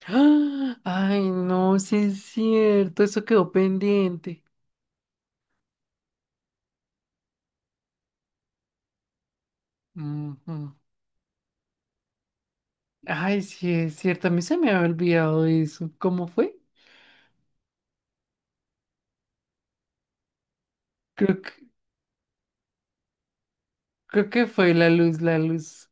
¡Ah! Ay, no, sí es cierto, eso quedó pendiente. Ujú. Ay, sí es cierto, a mí se me había olvidado eso. ¿Cómo fue? Creo que, creo que fue la luz, la luz.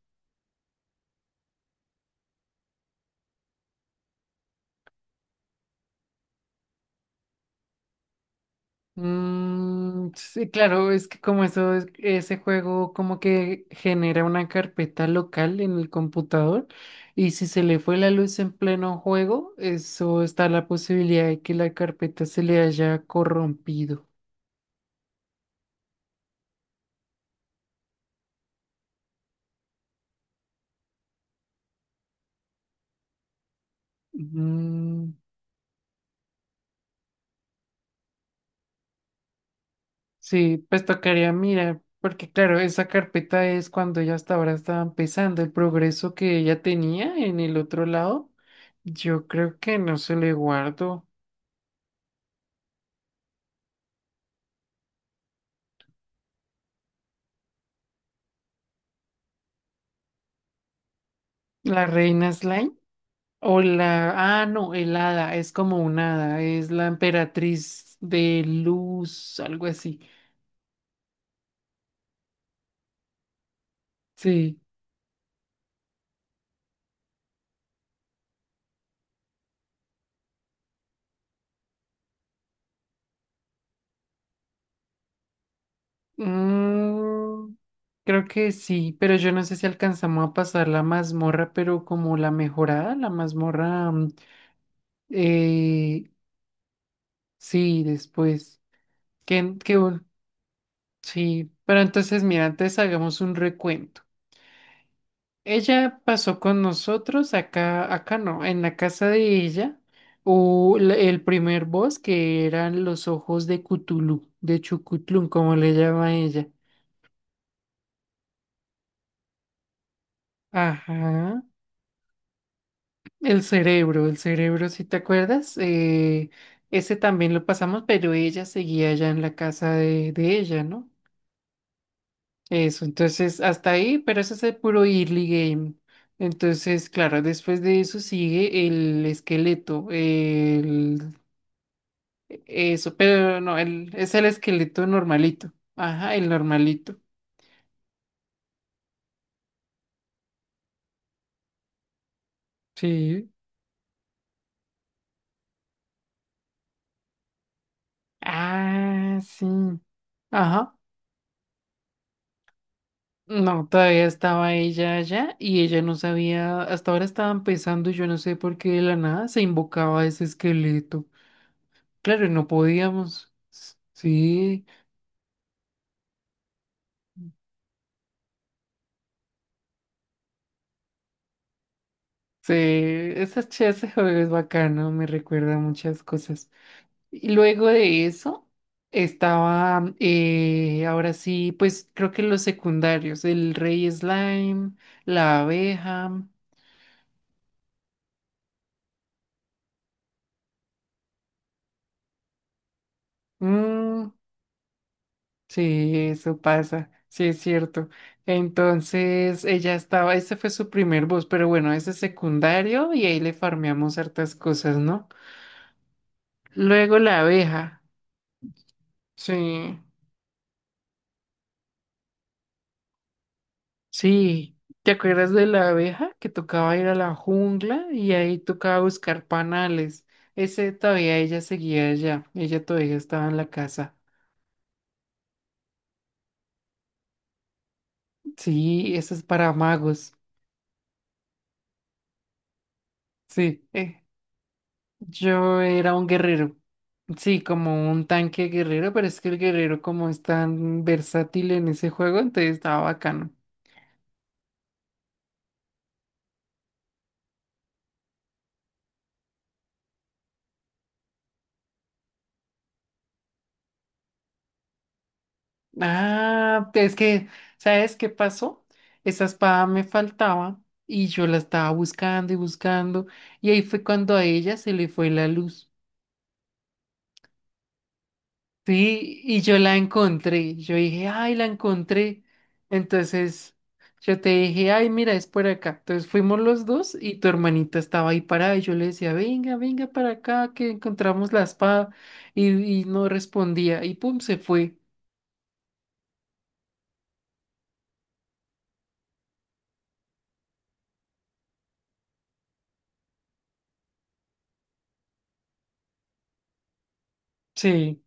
Mm, sí, claro, es que como eso, ese juego como que genera una carpeta local en el computador y si se le fue la luz en pleno juego, eso está la posibilidad de que la carpeta se le haya corrompido. Mm, sí, pues tocaría mirar, porque claro, esa carpeta es cuando ya hasta ahora estaba empezando el progreso que ella tenía en el otro lado. Yo creo que no se le guardo. La reina Slime o la... Ah, no, el hada, es como un hada, es la emperatriz de luz, algo así. Sí. Mm, creo que sí, pero yo no sé si alcanzamos a pasar la mazmorra, pero como la mejorada, la mazmorra... eh, Sí, después. ¿Qué, sí, pero entonces, mira, antes hagamos un recuento. Ella pasó con nosotros acá, acá no, en la casa de ella, o el primer boss que eran los ojos de Cthulhu, de Chucutlún, como le llama ella. Ajá. El cerebro, si te acuerdas. Ese también lo pasamos, pero ella seguía allá en la casa de ella, ¿no? Eso, entonces hasta ahí, pero eso es el puro early game. Entonces, claro, después de eso sigue el esqueleto, el eso, pero no, el, es el esqueleto normalito. Ajá, el normalito. Sí. Ah, sí. Ajá. No, todavía estaba ella allá y ella no sabía, hasta ahora estaban pensando, y yo no sé por qué de la nada se invocaba ese esqueleto. Claro, no podíamos. Sí. Sí, ese, ese juego es bacano, me recuerda a muchas cosas. Y luego de eso estaba, ahora sí, pues creo que los secundarios, el rey slime, la abeja. Mm, sí, eso pasa, sí es cierto. Entonces ella estaba, ese fue su primer boss, pero bueno, ese es secundario y ahí le farmeamos hartas cosas, ¿no? Luego la abeja, sí. Sí, ¿te acuerdas de la abeja que tocaba ir a la jungla y ahí tocaba buscar panales? Ese todavía ella seguía allá, ella todavía estaba en la casa. Sí, eso es para magos. Sí, yo era un guerrero. Sí, como un tanque guerrero, pero es que el guerrero como es tan versátil en ese juego, entonces estaba bacano. Ah, es que, ¿sabes qué pasó? Esa espada me faltaba y yo la estaba buscando y ahí fue cuando a ella se le fue la luz. Sí, y yo la encontré. Yo dije, ay, la encontré. Entonces yo te dije, ay, mira, es por acá. Entonces fuimos los dos y tu hermanita estaba ahí parada y yo le decía, venga, venga para acá que encontramos la espada y, y no respondía y pum, se fue. Sí,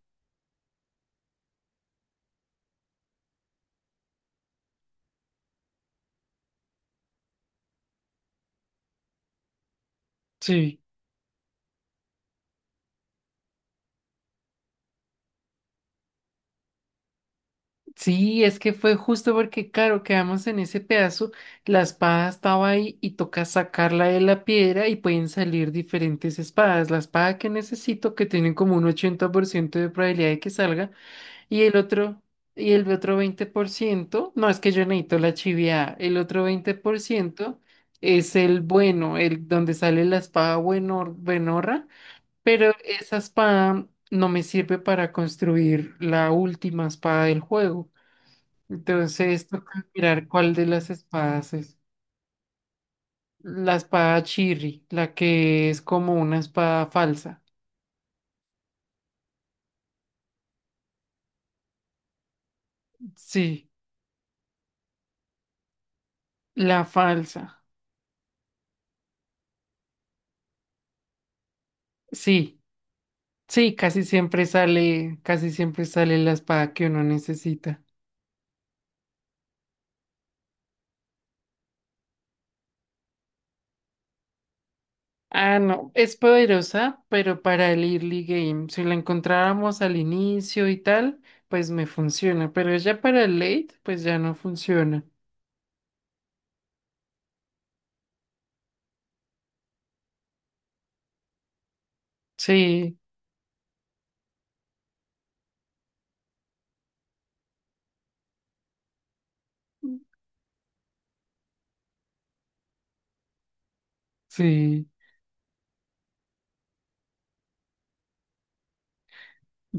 sí. Sí, es que fue justo porque, claro, quedamos en ese pedazo, la espada estaba ahí y toca sacarla de la piedra y pueden salir diferentes espadas. La espada que necesito, que tiene como un 80% de probabilidad de que salga, y el otro, y el otro 20%, no, es que yo necesito la chiviada, el otro 20% es el bueno, el donde sale la espada bueno, buenorra, pero esa espada no me sirve para construir la última espada del juego. Entonces, toca mirar cuál de las espadas es. La espada Chirri, la que es como una espada falsa. Sí, la falsa. Sí, sí, casi siempre sale la espada que uno necesita. Ah, no, es poderosa, pero para el early game, si la encontrábamos al inicio y tal, pues me funciona, pero ya para el late, pues ya no funciona. Sí, sí,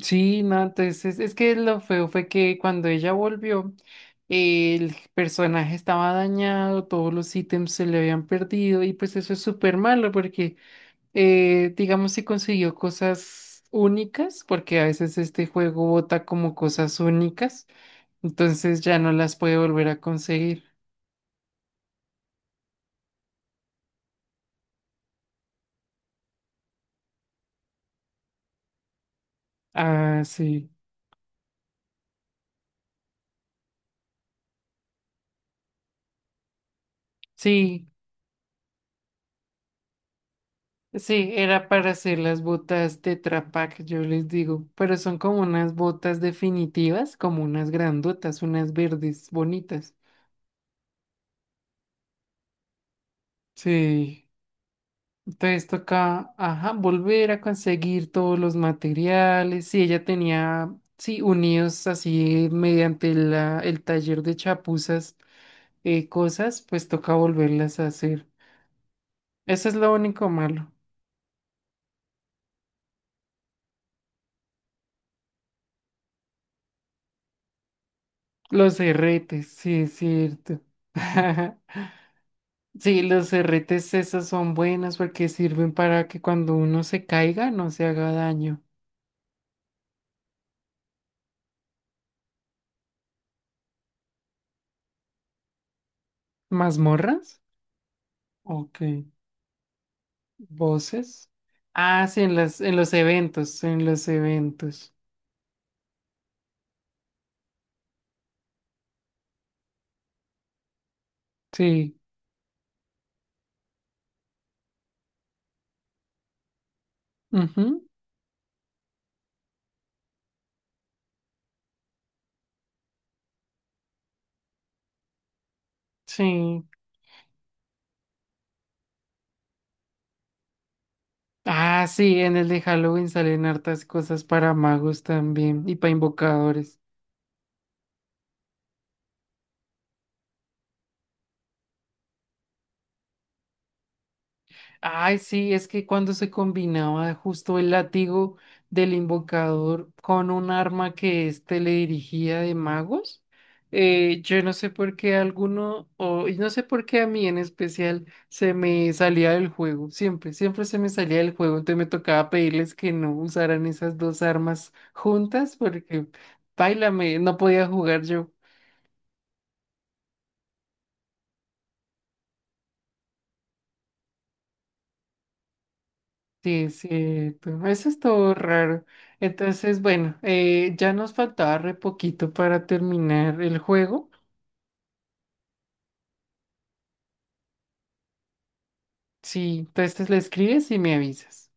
sí, no, entonces es que lo feo fue que cuando ella volvió, el personaje estaba dañado, todos los ítems se le habían perdido y pues eso es súper malo porque, digamos, si consiguió cosas únicas, porque a veces este juego bota como cosas únicas. Entonces ya no las puede volver a conseguir. Ah, sí. Sí, sí, era para hacer las botas de Pak, yo les digo. Pero son como unas botas definitivas, como unas grandotas, unas verdes bonitas. Sí. Entonces toca, ajá, volver a conseguir todos los materiales. Sí, ella tenía, sí, unidos así mediante la, el taller de chapuzas, cosas, pues toca volverlas a hacer. Eso es lo único malo. Los erretes, sí, es cierto. Sí, los erretes esos son buenos porque sirven para que cuando uno se caiga no se haga daño. ¿Mazmorras? Ok. ¿Voces? Ah, sí, en los eventos, en los eventos. Sí. Ujú, sí. Ah, sí, en el de Halloween salen hartas cosas para magos también y para invocadores. Ay, sí, es que cuando se combinaba justo el látigo del invocador con un arma que éste le dirigía de magos, yo no sé por qué alguno, o y no sé por qué a mí en especial, se me salía del juego, siempre se me salía del juego, entonces me tocaba pedirles que no usaran esas dos armas juntas porque, páilame, no podía jugar yo. Sí, cierto. Eso estuvo raro. Entonces, bueno, ya nos faltaba re poquito para terminar el juego. Sí, entonces le escribes y me avisas.